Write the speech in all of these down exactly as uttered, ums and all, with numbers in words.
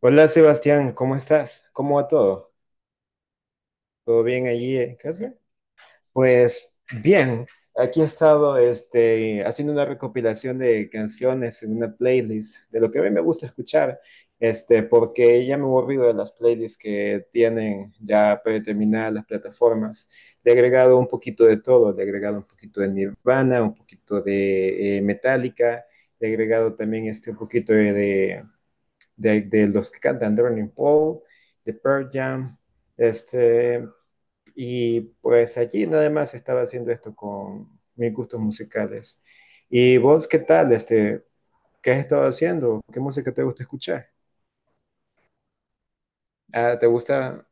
Hola Sebastián, ¿cómo estás? ¿Cómo va todo? ¿Todo bien allí en casa? Pues bien, aquí he estado este, haciendo una recopilación de canciones en una playlist de lo que a mí me gusta escuchar, este, porque ya me he aburrido de las playlists que tienen ya predeterminadas las plataformas. Le he agregado un poquito de todo, le he agregado un poquito de Nirvana, un poquito de eh, Metallica, le he agregado también este, un poquito de, de, de los que cantan, de Running Paul, de Pearl Jam, este, y pues allí nada más estaba haciendo esto con mis gustos musicales. ¿Y vos qué tal? Este, ¿Qué has estado haciendo? ¿Qué música te gusta escuchar? Ah, ¿te gusta?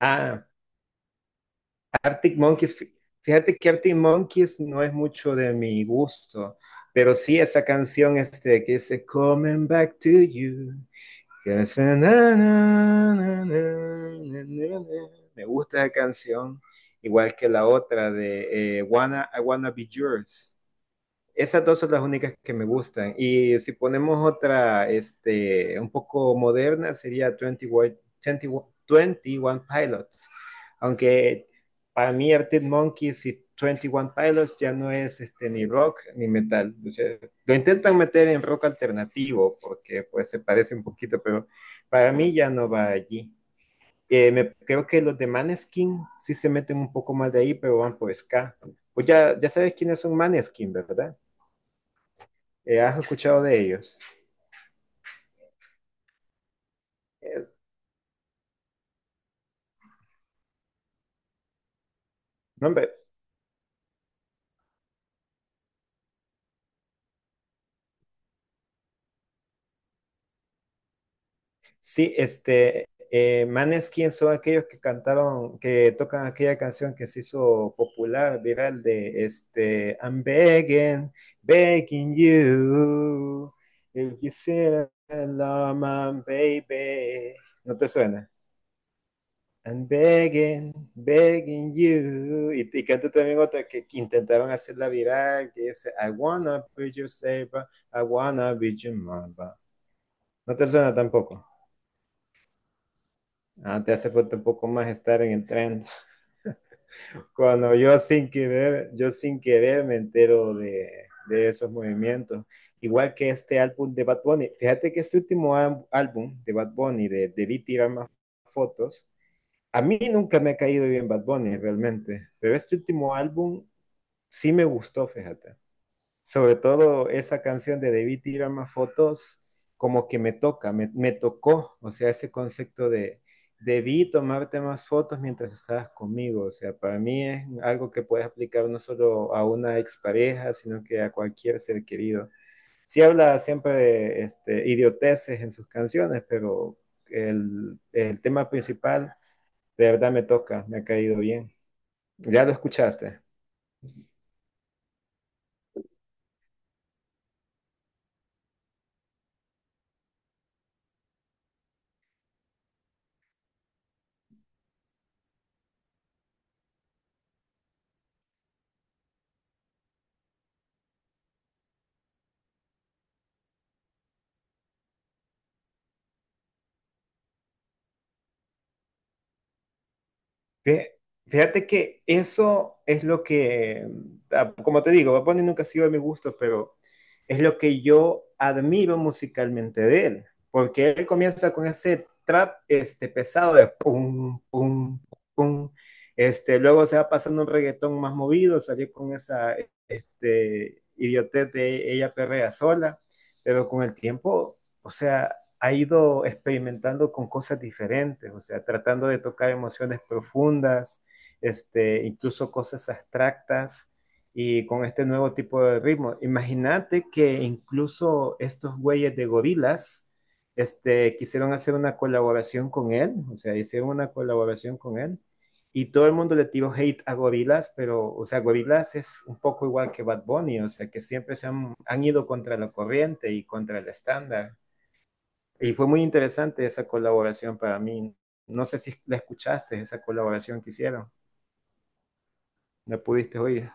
Ah, Arctic Monkeys. Fí- Fíjate que Arctic Monkeys no es mucho de mi gusto, pero sí esa canción este, que dice Coming Back to You. Me gusta esa canción, igual que la otra de eh, Wanna, I Wanna Be Yours. Esas dos son las únicas que me gustan. Y si ponemos otra, este, un poco moderna, sería veinte, Wo- veinte Wo- veintiuno Pilots. Aunque para mí Arctic Monkeys y veintiuno Pilots ya no es este, ni rock ni metal. O sea, lo intentan meter en rock alternativo porque pues se parece un poquito, pero para mí ya no va allí. Eh, me- creo que los de Maneskin sí se meten un poco más de ahí, pero van por ska. Pues ya, ya sabes quiénes son Maneskin, ¿verdad? Eh, ¿Has escuchado de ellos? Eh, no, hombre, sí, este, eh, Maneskin son aquellos que cantaron, que tocan aquella canción que se hizo popular, viral, de este, I'm begging, begging you, if you see love my baby. ¿No te suena? I'm begging, begging you. Y, y canta también otra que, que intentaron hacerla viral, que dice, I wanna be your savior, I wanna be your mama. No te suena tampoco. Ah, te hace falta un poco más estar en el tren. Cuando yo sin querer, yo sin querer me entero de, de esos movimientos. Igual que este álbum de Bad Bunny. Fíjate que este último álbum de Bad Bunny, de Debí tirar más fotos, a mí nunca me ha caído bien Bad Bunny realmente, pero este último álbum sí me gustó, fíjate. Sobre todo esa canción de Debí tirar más fotos, como que me toca, me, me tocó, o sea, ese concepto de debí tomarte más fotos mientras estabas conmigo, o sea, para mí es algo que puedes aplicar no solo a una expareja, sino que a cualquier ser querido. Sí habla siempre de este, idioteces en sus canciones, pero el, el tema principal de verdad me toca, me ha caído bien. ¿Ya lo escuchaste? Fí- Fíjate que eso es lo que, mm, ah, como te digo, Bad Bunny nunca ha sido de mi gusto, pero es lo que yo admiro musicalmente de él, porque él comienza con ese trap este, pesado de pum, pum, pum, este, luego se va pasando un reggaetón más movido, salió con esa este, idiotez de ella perrea sola, pero con el tiempo, o sea, ha ido experimentando con cosas diferentes, o sea, tratando de tocar emociones profundas, este, incluso cosas abstractas y con este nuevo tipo de ritmo. Imagínate que incluso estos güeyes de Gorillaz, este, quisieron hacer una colaboración con él, o sea, hicieron una colaboración con él y todo el mundo le tiró hate a Gorillaz, pero, o sea, Gorillaz es un poco igual que Bad Bunny, o sea, que siempre se han, han ido contra la corriente y contra el estándar. Y fue muy interesante esa colaboración para mí. No sé si la escuchaste, esa colaboración que hicieron. ¿La pudiste oír?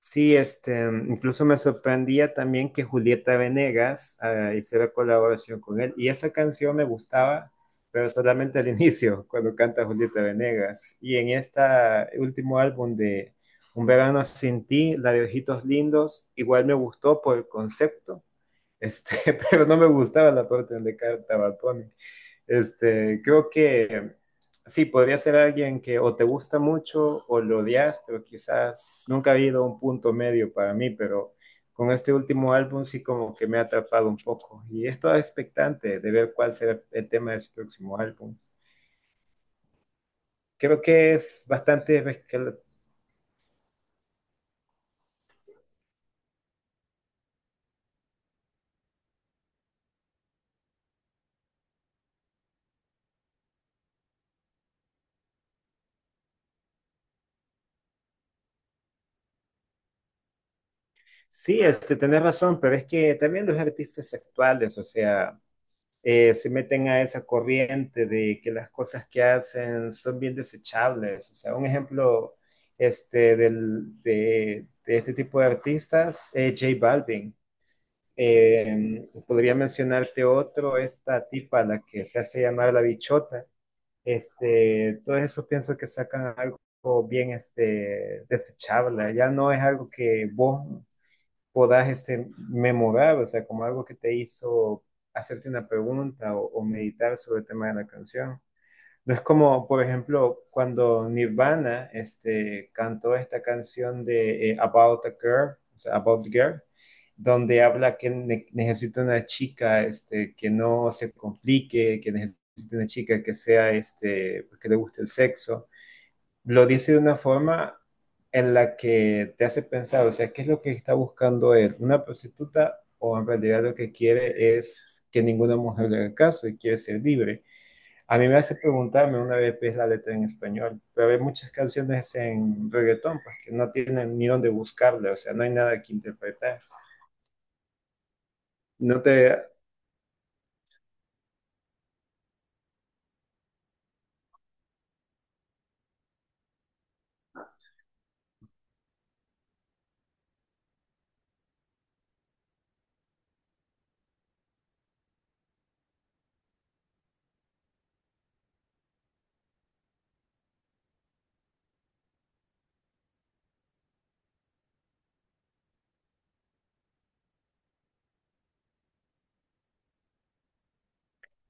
Sí, este, incluso me sorprendía también que Julieta Venegas eh, hiciera colaboración con él. Y esa canción me gustaba, pero solamente al inicio, cuando canta Julieta Venegas. Y en este último álbum de Un verano sin ti, la de Ojitos Lindos, igual me gustó por el concepto, este, pero no me gustaba la parte donde cantaba Tony. Este, creo que sí, podría ser alguien que o te gusta mucho o lo odias, pero quizás nunca ha habido un punto medio para mí, pero con este último álbum sí como que me ha atrapado un poco y estoy expectante de ver cuál será el tema de su próximo álbum. Creo que es bastante... Sí, este, tenés razón, pero es que también los artistas actuales, o sea, eh, se meten a esa corriente de que las cosas que hacen son bien desechables. O sea, un ejemplo este, del- de, de este tipo de artistas, eh, J Balvin. Eh, podría mencionarte otro, esta tipa, la que se hace llamar la bichota. Este, todo eso pienso que sacan algo bien este, desechable. Ya no es algo que vos podás este, memorar, o sea, como algo que te hizo hacerte una pregunta o, o meditar sobre el tema de la canción. No es como, por ejemplo, cuando Nirvana este, cantó esta canción de eh, About a Girl, o sea, About a Girl, donde habla que ne- necesita una chica este, que no se complique, que necesita una chica que sea, este, pues, que le guste el sexo lo dice de una forma en la que te hace pensar, o sea, ¿qué es lo que está buscando él? ¿Una prostituta o en realidad lo que quiere es que ninguna mujer le haga caso y quiere ser libre? A mí me hace preguntarme una vez qué es la letra en español, pero hay muchas canciones en reggaetón pues, que no tienen ni dónde buscarle, o sea, no hay nada que interpretar. No te...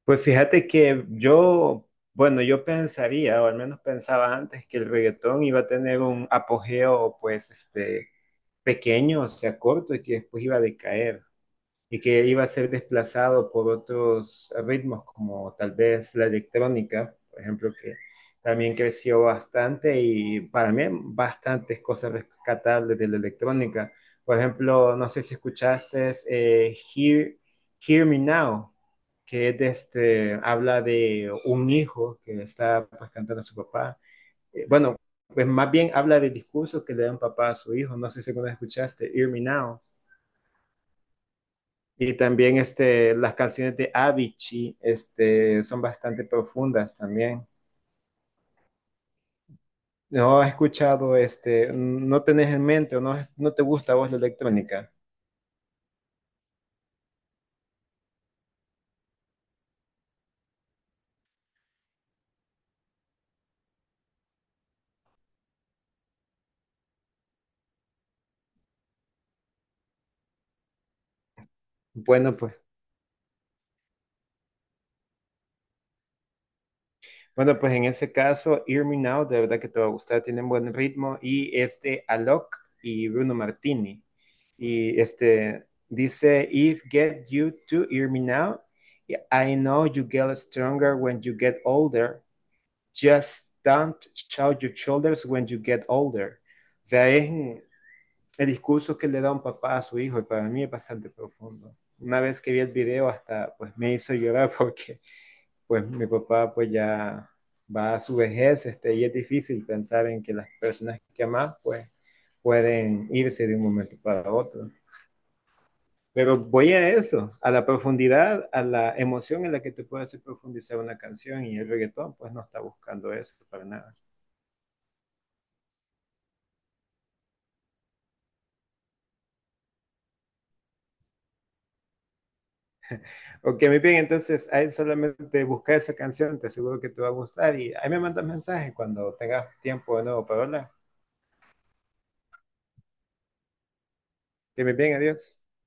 Pues fíjate que yo bueno, yo pensaría, o al menos pensaba antes, que el reggaetón iba a tener un apogeo, pues, este, pequeño, o sea, corto, y que después iba a decaer y que iba a ser desplazado por otros ritmos, como tal vez la electrónica, por ejemplo, que también creció bastante y para mí bastantes cosas rescatables de la electrónica. Por ejemplo, no sé si escuchaste eh, Hear, Hear Me Now, que es de este, habla de un hijo que está pues, cantando a su papá eh, bueno, pues más bien habla de discursos que le dan papá a su hijo. No sé si alguna vez escuchaste, Hear Me Now. Y también este, las canciones de Avicii este, son bastante profundas también. ¿No has escuchado, este, no tenés en mente o no, no te gusta a vos la electrónica? Bueno, pues Bueno, pues en ese caso, Hear Me Now, de verdad que te va a gustar, tienen buen ritmo. Y este Alok y Bruno Martini. Y este dice: If get you to hear me now, I know you get stronger when you get older. Just don't shout your shoulders when you get older. O sea, es el discurso que le da un papá a su hijo y para mí es bastante profundo. Una vez que vi el video hasta pues me hizo llorar porque pues mi papá pues ya va a su vejez, este, y es difícil pensar en que las personas que amas pues pueden irse de un momento para otro. Pero voy a eso, a la profundidad, a la emoción en la que te puede hacer profundizar una canción y el reggaetón pues no está buscando eso para nada. Ok, muy bien, entonces ahí solamente busca esa canción, te aseguro que te va a gustar y ahí me mandas mensaje cuando tengas tiempo de nuevo para hablar. Que muy bien, adiós.